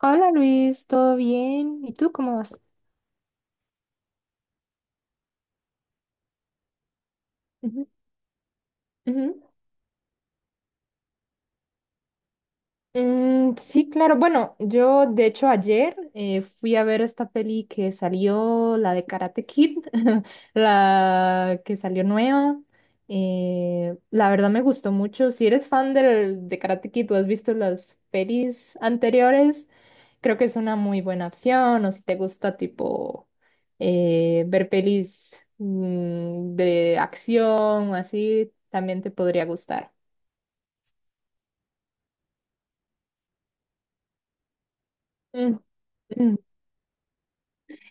Hola Luis, ¿todo bien? ¿Y tú cómo vas? Ujú, ujú. Mm, sí, claro. Bueno, yo de hecho ayer fui a ver esta peli que salió, la de Karate Kid, la que salió nueva. La verdad me gustó mucho. Si eres fan de Karate Kid, tú has visto las pelis anteriores. Creo que es una muy buena opción, o si te gusta tipo ver pelis mm, de acción o así, también te podría gustar. Mm.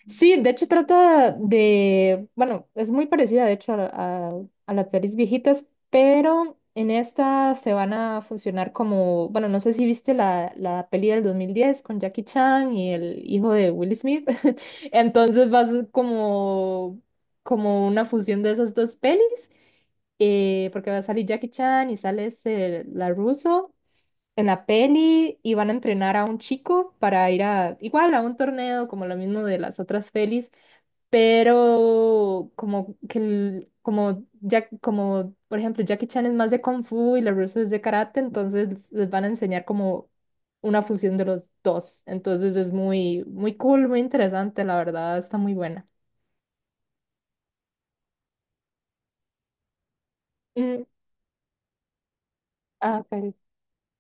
Sí, de hecho trata de, bueno, es muy parecida de hecho a las pelis viejitas, pero en esta se van a funcionar como, bueno, no sé si viste la peli del 2010 con Jackie Chan y el hijo de Will Smith, entonces va a ser como, como una fusión de esas dos pelis, porque va a salir Jackie Chan y sale este, la Russo en la peli y van a entrenar a un chico para ir a, igual a un torneo como lo mismo de las otras pelis, pero como que el- como ya como por ejemplo Jackie Chan es más de kung fu y la rusa es de karate, entonces les van a enseñar como una fusión de los dos. Entonces es muy muy cool, muy interesante, la verdad, está muy buena. Mm, ah, pero-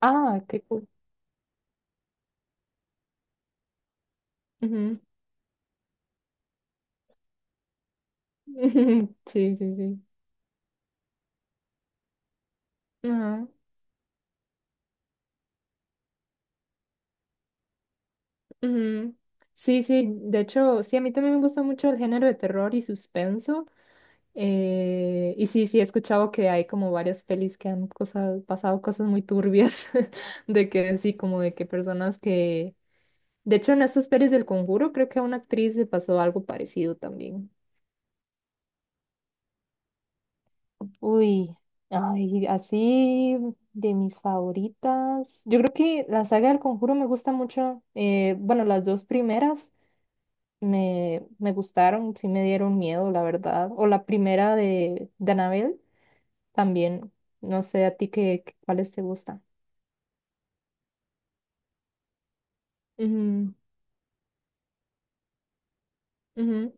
ah, qué cool. Ujú. Sí, sí, sí. Ajá, ujú. Sí, sí, de hecho, sí, a mí también me gusta mucho el género de terror y suspenso. Y sí, sí, he escuchado que hay como varias pelis que han cosas, pasado cosas muy turbias, de que sí, como de que personas que... De hecho, en estas pelis del Conjuro creo que a una actriz le pasó algo parecido también. Uy, ay, así de mis favoritas. Yo creo que la saga del Conjuro me gusta mucho. Bueno, las dos primeras me gustaron, sí me dieron miedo, la verdad. O la primera de Annabelle, también. No sé a ti qué, qué- cuáles te gustan. Ujú, ujú,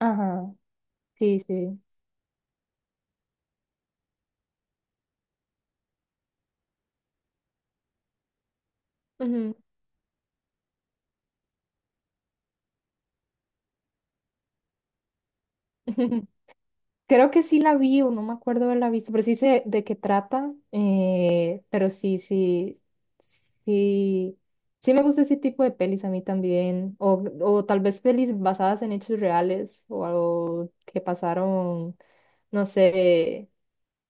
ajá, sí, sí, ujú. Creo que sí la vi o no me acuerdo de la vista, pero sí sé de qué trata. Pero sí, sí me gusta ese tipo de pelis a mí también. O tal vez pelis basadas en hechos reales o algo que pasaron, no sé,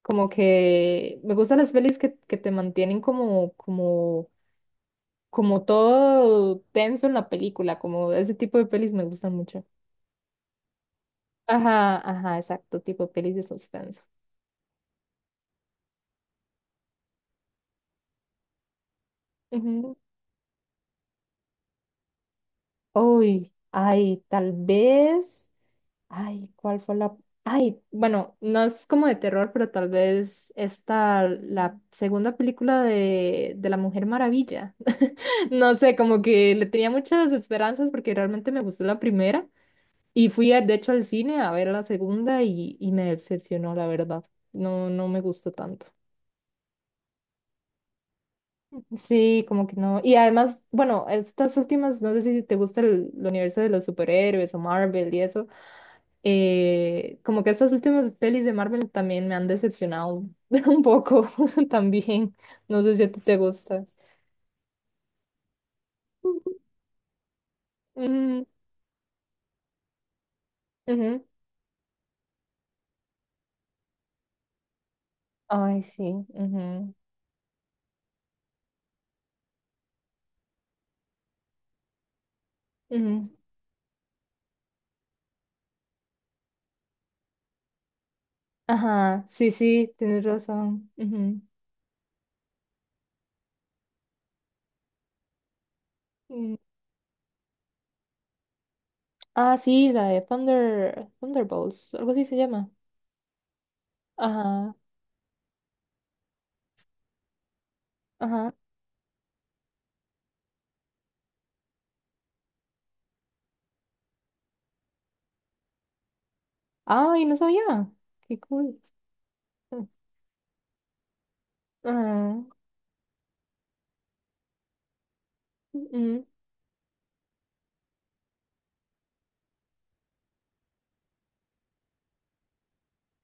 como que me gustan las pelis que te mantienen como, como todo tenso en la película, como ese tipo de pelis me gustan mucho. Ajá, ajá, exacto, tipo pelis de suspenso. Ujú. Uy, ay, tal vez, ay, ¿cuál fue la? Ay, bueno, no es como de terror, pero tal vez esta, la segunda película de La Mujer Maravilla. No sé, como que le tenía muchas esperanzas porque realmente me gustó la primera. Y fui, a- de hecho, al cine a ver la segunda y me decepcionó, la verdad. No, no me gustó tanto. Sí, como que no. Y además, bueno, estas últimas, no sé si te gusta el universo de los superhéroes o Marvel y eso. Como que estas últimas pelis de Marvel también me han decepcionado un poco también. No sé si a ti te gusta. Ujú, ujú. Ay, sí, ujú, ujú. Ajá, sí, sí, tienes razón. Ujú, ujú. Ah, sí, la de Thunder, Thunderbolts, algo así se llama. Ajá, ajá. Ay, no sabía. Qué cool. Ajá. Mm,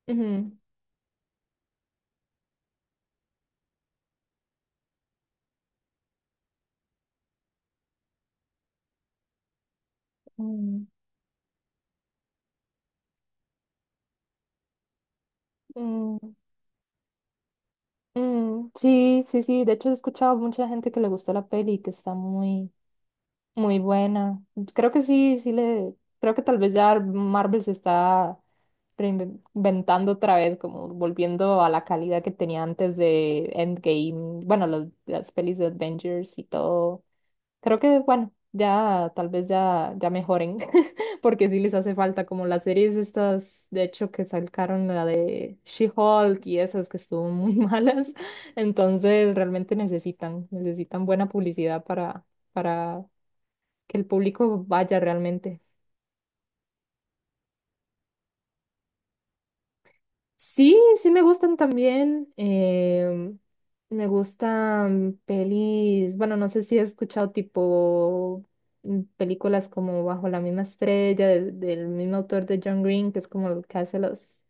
ujú, mm, mm, mm. Sí, sí, sí. De hecho, he escuchado mucha gente que le gustó la peli, que está muy, muy buena. Creo que sí, sí le. Creo que tal vez ya Marvel se está reinventando otra vez, como volviendo a la calidad que tenía antes de Endgame. Bueno, los- las pelis de Avengers y todo. Creo que, bueno, ya tal vez ya mejoren, porque sí les hace falta como las series estas, de hecho, que sacaron la de She-Hulk y esas que estuvo muy malas. Entonces, realmente necesitan buena publicidad para que el público vaya realmente. Sí, sí me gustan también. Me gustan pelis, bueno, no sé si he escuchado tipo mm, películas como Bajo la misma estrella, de- del mismo autor de John Green, que es como el que hace los,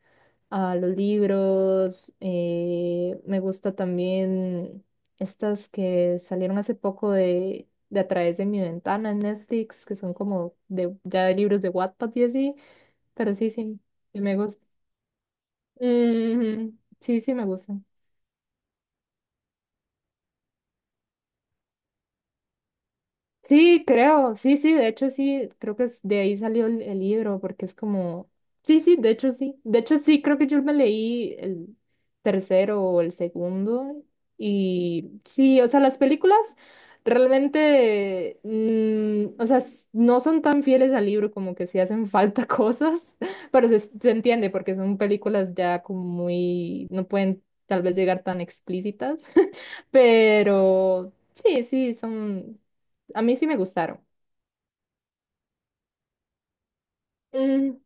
ah, los libros. Me gusta también estas que salieron hace poco de A través de mi ventana en Netflix, que son como de, ya de libros de Wattpad y así, pero sí, sí, me gustan. Ujú. Sí, sí, me gusta. Sí, creo, sí, sí, de hecho sí, creo que es- de ahí salió el libro, porque es como, sí, sí, de hecho sí, de hecho sí, creo que yo me leí el tercero o el segundo, y sí, o sea, las películas realmente, mm, o sea, s- no son tan fieles al libro, como que sí hacen falta cosas, pero se entiende, porque son películas ya como muy, no pueden tal vez llegar tan explícitas, pero sí, sí, son... A mí sí me gustaron. Mm,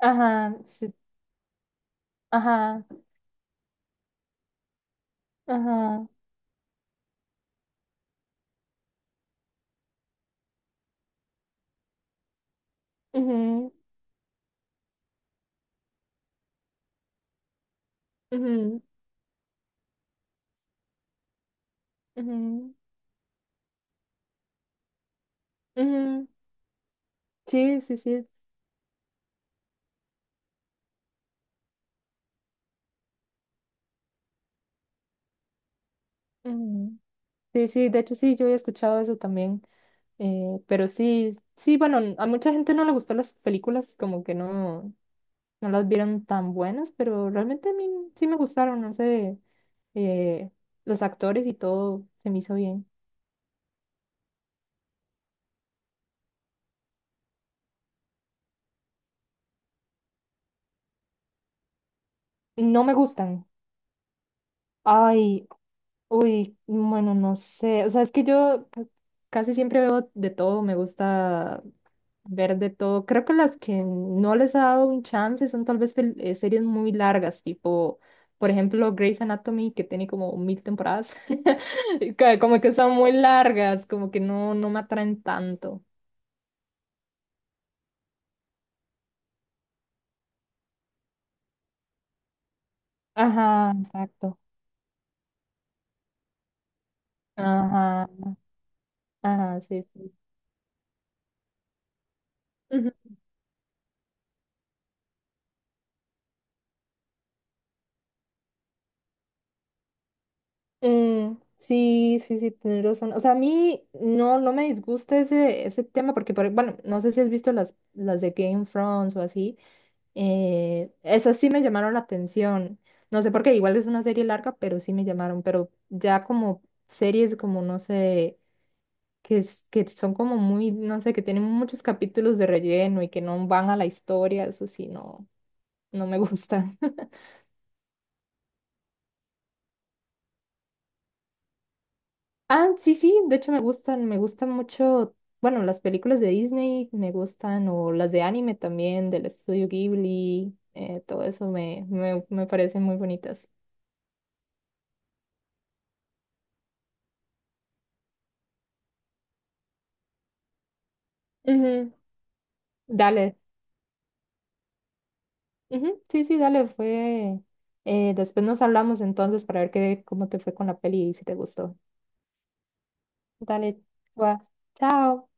ajá, sí, ajá, ajá, ujú, ujú, ujú, ujú. Sí, sí, sí, ujú. Sí, sí, de hecho sí, yo he escuchado eso también. Pero sí, sí, bueno, n- a mucha gente no le gustó las películas, como que no, no las vieron tan buenas, pero realmente a mí sí me gustaron, no sé, eh, los actores y todo se me hizo bien. No me gustan. Ay, uy, bueno, no sé, o sea, es que yo ca- casi siempre veo de todo, me gusta ver de todo. Creo que las que no les ha dado un chance son tal vez pel- series muy largas, tipo, por ejemplo, Grey's Anatomy, que tiene como mil temporadas, y ca- como que son muy largas, como que no, no me atraen tanto. Ajá, exacto. Ajá, ajá, sí, sí. Mm, sí, sí, sí, tienes razón. O sea, a mí no, no me disgusta ese, ese tema porque, por- bueno, no sé si has visto las de Game of Thrones o así. Esas sí me llamaron la atención. No sé por qué, igual es una serie larga, pero sí me llamaron. Pero ya como series como, no sé, que, es- que son como muy, no sé, que tienen muchos capítulos de relleno y que no van a la historia, eso sí, no, no me gustan. Ah, sí, sí, de hecho me gustan mucho, bueno, las películas de Disney me gustan, o las de anime también, del estudio Ghibli, todo eso me, me parecen muy bonitas. Ujú. Dale, ujú, sí, sí, dale, fue. Después nos hablamos entonces para ver qué, cómo te fue con la peli y si te gustó. Dale, chua, chao.